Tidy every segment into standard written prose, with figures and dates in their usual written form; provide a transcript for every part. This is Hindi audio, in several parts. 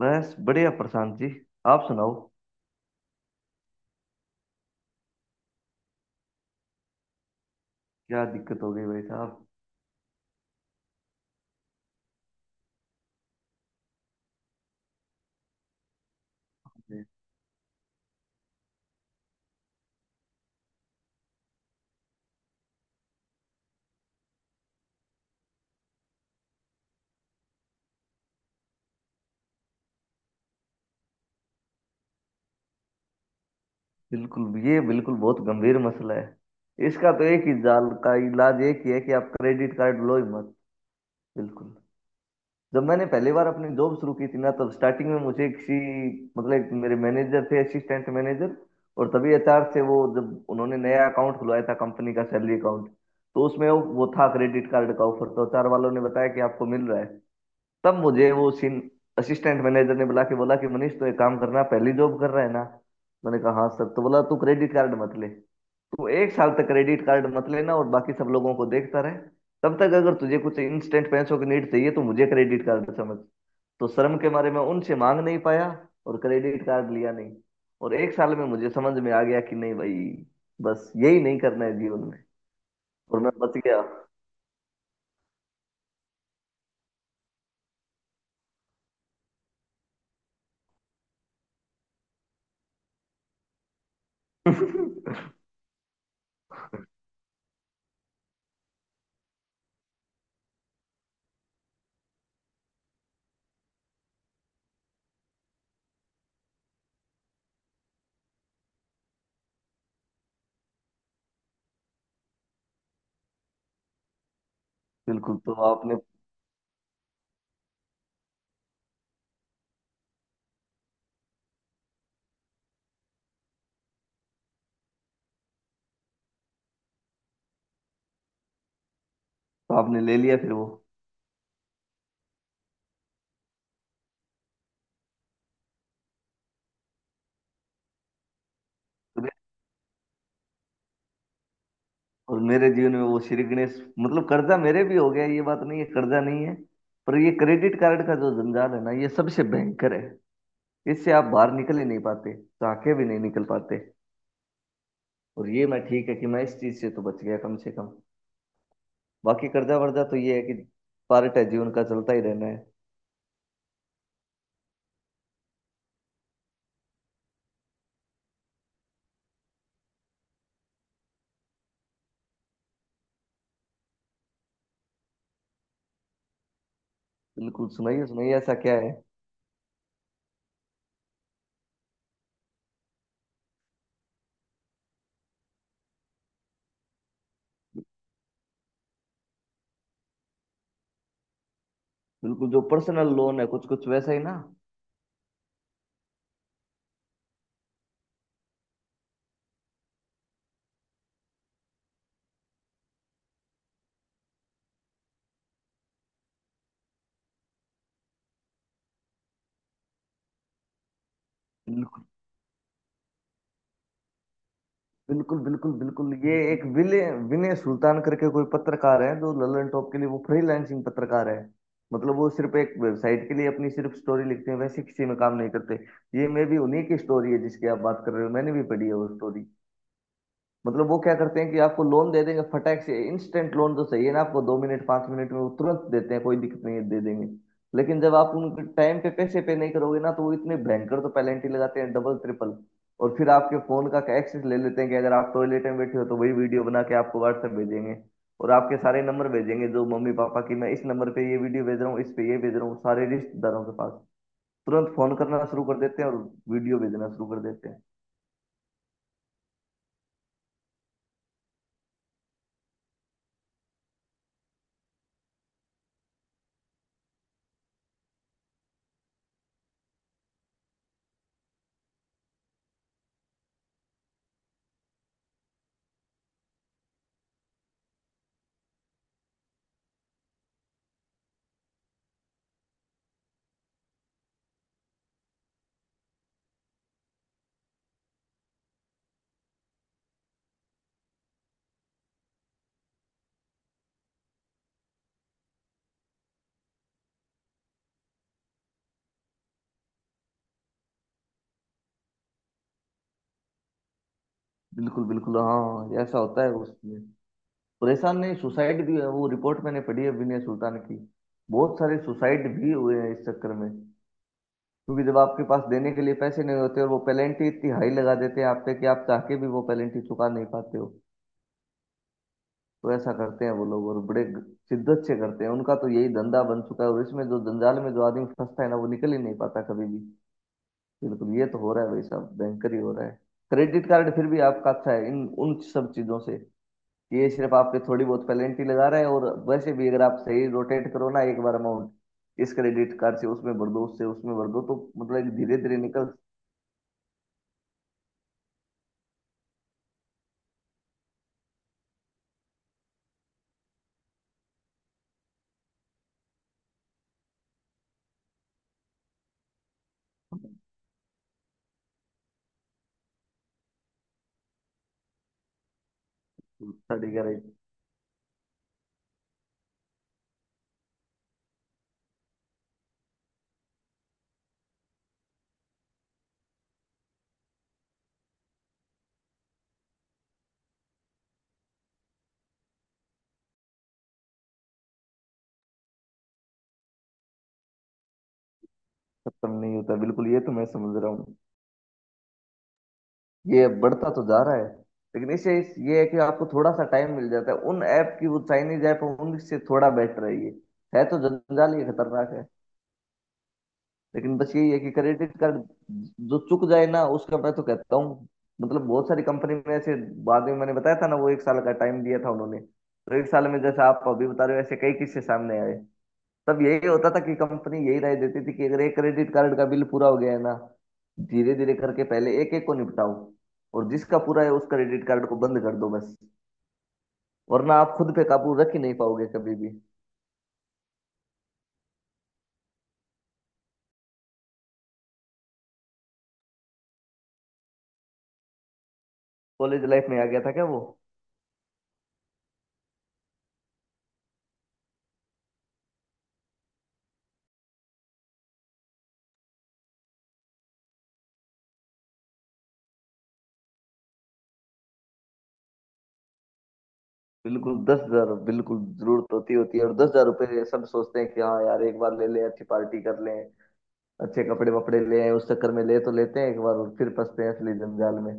बस बढ़िया प्रशांत जी। आप सुनाओ। क्या दिक्कत हो गई भाई साहब? बिल्कुल, ये बिल्कुल बहुत गंभीर मसला है। इसका तो एक ही जाल का इलाज एक ही है कि आप क्रेडिट कार्ड लो ही मत। बिल्कुल। जब मैंने पहली बार अपनी जॉब शुरू की थी ना, तब स्टार्टिंग में मुझे किसी मतलब एक मेरे मैनेजर थे, असिस्टेंट मैनेजर। और तभी एचआर से वो जब उन्होंने नया अकाउंट खुलवाया था, कंपनी का सैलरी अकाउंट। तो उसमें वो था क्रेडिट कार्ड का ऑफर। तो एचआर वालों ने बताया कि आपको मिल रहा है। तब मुझे वो सीन, असिस्टेंट मैनेजर ने बुला के बोला कि मनीष तू एक काम करना, पहली जॉब कर रहा है ना। मैंने कहा हाँ सर। तो बोला तू क्रेडिट कार्ड मत ले। तू 1 साल तक क्रेडिट कार्ड मत लेना, और बाकी सब लोगों को देखता रहे। तब तक अगर तुझे कुछ इंस्टेंट पैसों की नीड चाहिए तो मुझे क्रेडिट कार्ड समझ। तो शर्म के मारे मैं उनसे मांग नहीं पाया, और क्रेडिट कार्ड लिया नहीं। और 1 साल में मुझे समझ में आ गया कि नहीं भाई, बस यही नहीं करना है जीवन में। और मैं बच गया। बिल्कुल। तो आपने आपने ले लिया फिर वो। और मेरे जीवन में वो श्री गणेश मतलब कर्जा मेरे भी हो गया। ये बात नहीं है, कर्जा नहीं है। पर ये क्रेडिट कार्ड का जो जंजाल है ना, ये सबसे भयंकर है। इससे आप बाहर निकल ही नहीं पाते। ताके भी नहीं निकल पाते। और ये, मैं ठीक है कि मैं इस चीज से तो बच गया कम से कम। बाकी कर्जा वर्जा तो ये है कि पार्ट है जीवन का, चलता ही रहना है। बिल्कुल। सुनाइए सुनाइए, ऐसा क्या है? बिल्कुल, जो पर्सनल लोन है कुछ कुछ वैसा ही ना। बिल्कुल, बिल्कुल, बिल्कुल, ये एक विनय विनय सुल्तान करके कोई पत्रकार है, जो ललन टॉप के लिए वो फ्रीलांसिंग पत्रकार है। मतलब वो सिर्फ एक वेबसाइट के लिए अपनी सिर्फ स्टोरी लिखते हैं, वैसे किसी में काम नहीं करते। ये मे भी उन्हीं की स्टोरी है जिसकी आप बात कर रहे हो, मैंने भी पढ़ी है वो स्टोरी। मतलब वो क्या करते हैं कि आपको लोन दे देंगे फटाक से, इंस्टेंट लोन तो चाहिए ना आपको, 2 मिनट 5 मिनट में वो तुरंत देते हैं, कोई दिक्कत नहीं है, दे देंगे। लेकिन जब आप उनके टाइम पे पैसे पे नहीं करोगे ना, तो वो इतने भयंकर तो पेनल्टी लगाते हैं, डबल ट्रिपल। और फिर आपके फोन का एक्सेस ले लेते हैं कि अगर आप टॉयलेट में बैठे हो तो वही वीडियो बना के आपको व्हाट्सएप भेजेंगे। और आपके सारे नंबर भेजेंगे, जो मम्मी पापा की, मैं इस नंबर पे ये वीडियो भेज रहा हूँ, इस पे ये भेज रहा हूँ, सारे रिश्तेदारों के पास तुरंत फोन करना शुरू कर देते हैं, और वीडियो भेजना शुरू कर देते हैं। बिल्कुल, बिल्कुल, हाँ, ऐसा होता है उसमें। परेशान नहीं, सुसाइड भी है। वो रिपोर्ट मैंने पढ़ी है विनय सुल्तान की। बहुत सारे सुसाइड भी हुए हैं इस चक्कर में, क्योंकि जब आपके पास देने के लिए पैसे नहीं होते, और वो पेनल्टी इतनी हाई लगा देते हैं आप पे कि आप चाह के भी वो पेनल्टी चुका नहीं पाते हो। तो ऐसा करते हैं वो लोग, और बड़े शिद्दत से करते हैं, उनका तो यही धंधा बन चुका है। और इसमें जो जंजाल में जो आदमी फंसता है ना, वो निकल ही नहीं पाता कभी भी। बिल्कुल, ये तो हो रहा है भाई साहब, भयंकर ही हो रहा है। क्रेडिट कार्ड फिर भी आपका अच्छा है इन उन सब चीजों से। ये सिर्फ आपके थोड़ी बहुत पेनल्टी लगा रहा है। और वैसे भी अगर आप सही रोटेट करो ना, एक बार अमाउंट इस क्रेडिट कार्ड से उसमें भर दो, उससे उसमें भर दो, तो मतलब धीरे धीरे निकल सड़ेगा, राइट। खत्म नहीं होता, बिल्कुल ये तो मैं समझ रहा हूँ, ये बढ़ता तो जा रहा है। लेकिन इससे ये है कि आपको थोड़ा सा टाइम मिल जाता है, उन ऐप की, वो चाइनीज ऐप, उनसे थोड़ा बेटर है ये। है तो जंजाल ही खतरनाक है। लेकिन बस यही है कि क्रेडिट कार्ड जो चुक जाए ना, उसका मैं तो कहता हूँ। मतलब बहुत सारी कंपनी में ऐसे, बाद में मैंने बताया था ना, वो 1 साल का टाइम दिया था उन्होंने, तो 1 साल में जैसे आप अभी बता रहे हो ऐसे कई किस्से सामने आए। तब यही होता था कि कंपनी यही राय देती थी कि अगर एक क्रेडिट कार्ड का बिल पूरा हो गया है ना, धीरे धीरे करके पहले एक एक को निपटाओ, और जिसका पूरा है उस क्रेडिट कार्ड को बंद कर दो बस। वरना आप खुद पे काबू रख ही नहीं पाओगे कभी भी। कॉलेज लाइफ में आ गया था क्या वो? बिल्कुल, 10,000, बिल्कुल, जरूरत होती होती है और 10,000 रुपये सब सोचते हैं कि हाँ यार, एक बार ले लें, अच्छी पार्टी कर लें, अच्छे कपड़े वपड़े ले आएं, उस चक्कर में ले तो लेते हैं एक बार, और फिर फंसते हैं असली जंजाल में।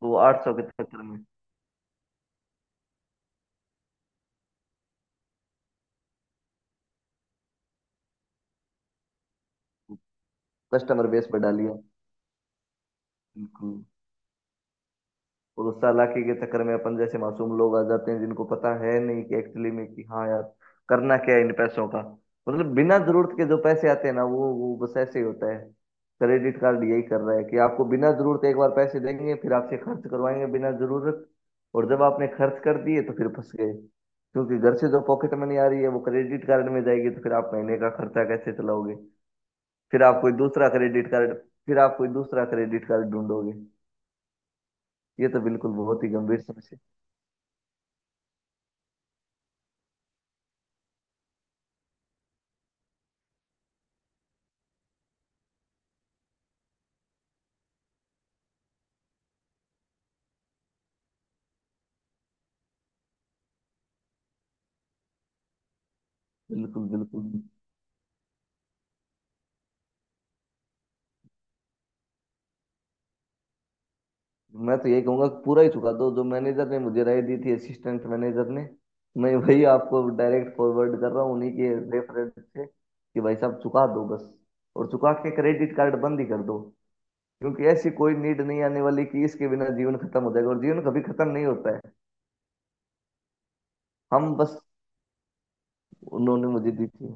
तो 800 के चक्कर में कस्टमर बेस पे डालिए। बिल्कुल। और उस चालाकी के चक्कर में अपन जैसे मासूम लोग आ जाते हैं, जिनको पता है नहीं कि एक्चुअली में, कि हाँ यार करना क्या है इन पैसों का। मतलब बिना जरूरत के जो पैसे आते हैं ना, वो बस ऐसे ही होता है। क्रेडिट कार्ड यही कर रहा है कि आपको बिना जरूरत एक बार पैसे देंगे, फिर आपसे खर्च करवाएंगे बिना जरूरत। और जब आपने खर्च कर दिए तो फिर फंस गए, क्योंकि घर से जो पॉकेट मनी आ रही है वो क्रेडिट कार्ड में जाएगी, तो फिर आप महीने का खर्चा कैसे चलाओगे? फिर आप कोई दूसरा क्रेडिट कार्ड फिर आप कोई दूसरा क्रेडिट कार्ड ढूंढोगे। ये तो बिल्कुल बहुत ही गंभीर समस्या। बिल्कुल, बिल्कुल। मैं तो ये कहूंगा कि पूरा ही चुका दो, जो मैनेजर ने मुझे राय दी थी, असिस्टेंट मैनेजर ने। मैं वही आपको डायरेक्ट फॉरवर्ड कर रहा हूँ उन्हीं के रेफरेंस से कि भाई साहब चुका दो बस। और चुका के क्रेडिट कार्ड बंद ही कर दो। क्योंकि ऐसी कोई नीड नहीं आने वाली कि इसके बिना जीवन खत्म हो जाएगा, और जीवन कभी खत्म नहीं होता है। हम बस। उन्होंने मुझे दी थी।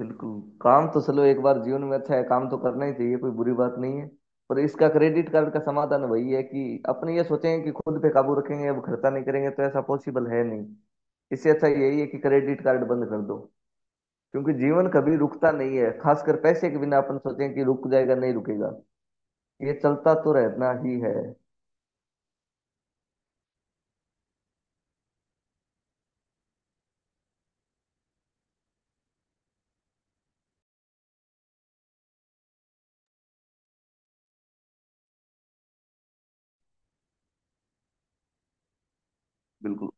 बिल्कुल, काम तो चलो एक बार जीवन में अच्छा है, काम तो करना ही चाहिए, कोई बुरी बात नहीं है। पर इसका क्रेडिट कार्ड का समाधान वही है कि अपने ये सोचें कि खुद पे काबू रखेंगे अब खर्चा नहीं करेंगे, तो ऐसा पॉसिबल है नहीं। इससे अच्छा यही है कि क्रेडिट कार्ड बंद कर दो। क्योंकि जीवन कभी रुकता नहीं है, खासकर पैसे के बिना अपन सोचें कि रुक जाएगा, नहीं रुकेगा। ये चलता तो रहना ही है। बिल्कुल,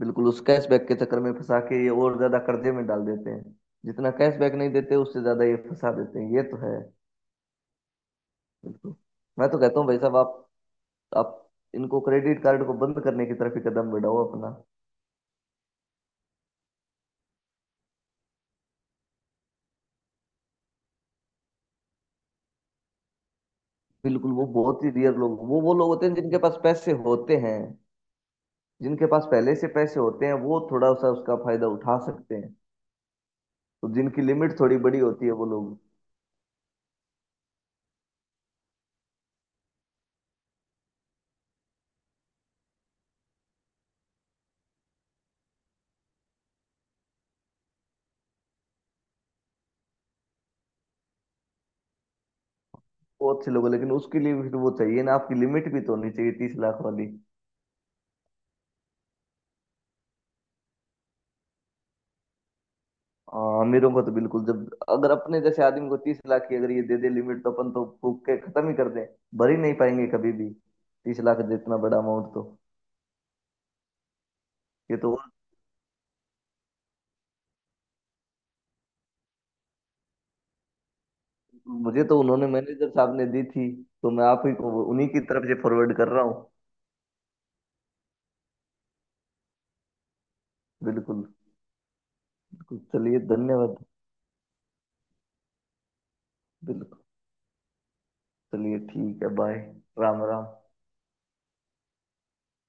बिल्कुल, उस कैशबैक के चक्कर में फंसा के ये और ज्यादा कर्जे में डाल देते हैं। जितना कैशबैक नहीं देते, उससे ज्यादा ये फंसा देते हैं, ये तो है। बिल्कुल। मैं तो कहता हूँ भाई साहब, आप इनको क्रेडिट कार्ड को बंद करने की तरफ ही कदम बढ़ाओ अपना। बिल्कुल, वो बहुत ही रियर लोग, वो लोग होते हैं जिनके पास पैसे होते हैं। जिनके पास पहले से पैसे होते हैं वो थोड़ा सा उसका फायदा उठा सकते हैं। तो जिनकी लिमिट थोड़ी बड़ी होती है वो लोग, वो अच्छे लोग हैं। लेकिन उसके लिए भी वो चाहिए ना, आपकी लिमिट भी तो होनी चाहिए 30 लाख वाली। हाँ, अमीरों को तो बिल्कुल। जब अगर अपने जैसे आदमी को 30 लाख की अगर ये दे दे लिमिट, तो अपन तो फूक के खत्म ही कर दें। भर ही नहीं पाएंगे कभी भी 30 लाख जितना बड़ा अमाउंट तो। ये तो। मुझे तो उन्होंने, मैनेजर साहब ने दी थी, तो मैं आप ही को उन्हीं की तरफ से फॉरवर्ड कर रहा हूँ। बिल्कुल, बिल्कुल। चलिए धन्यवाद। बिल्कुल। चलिए ठीक है, बाय। राम राम।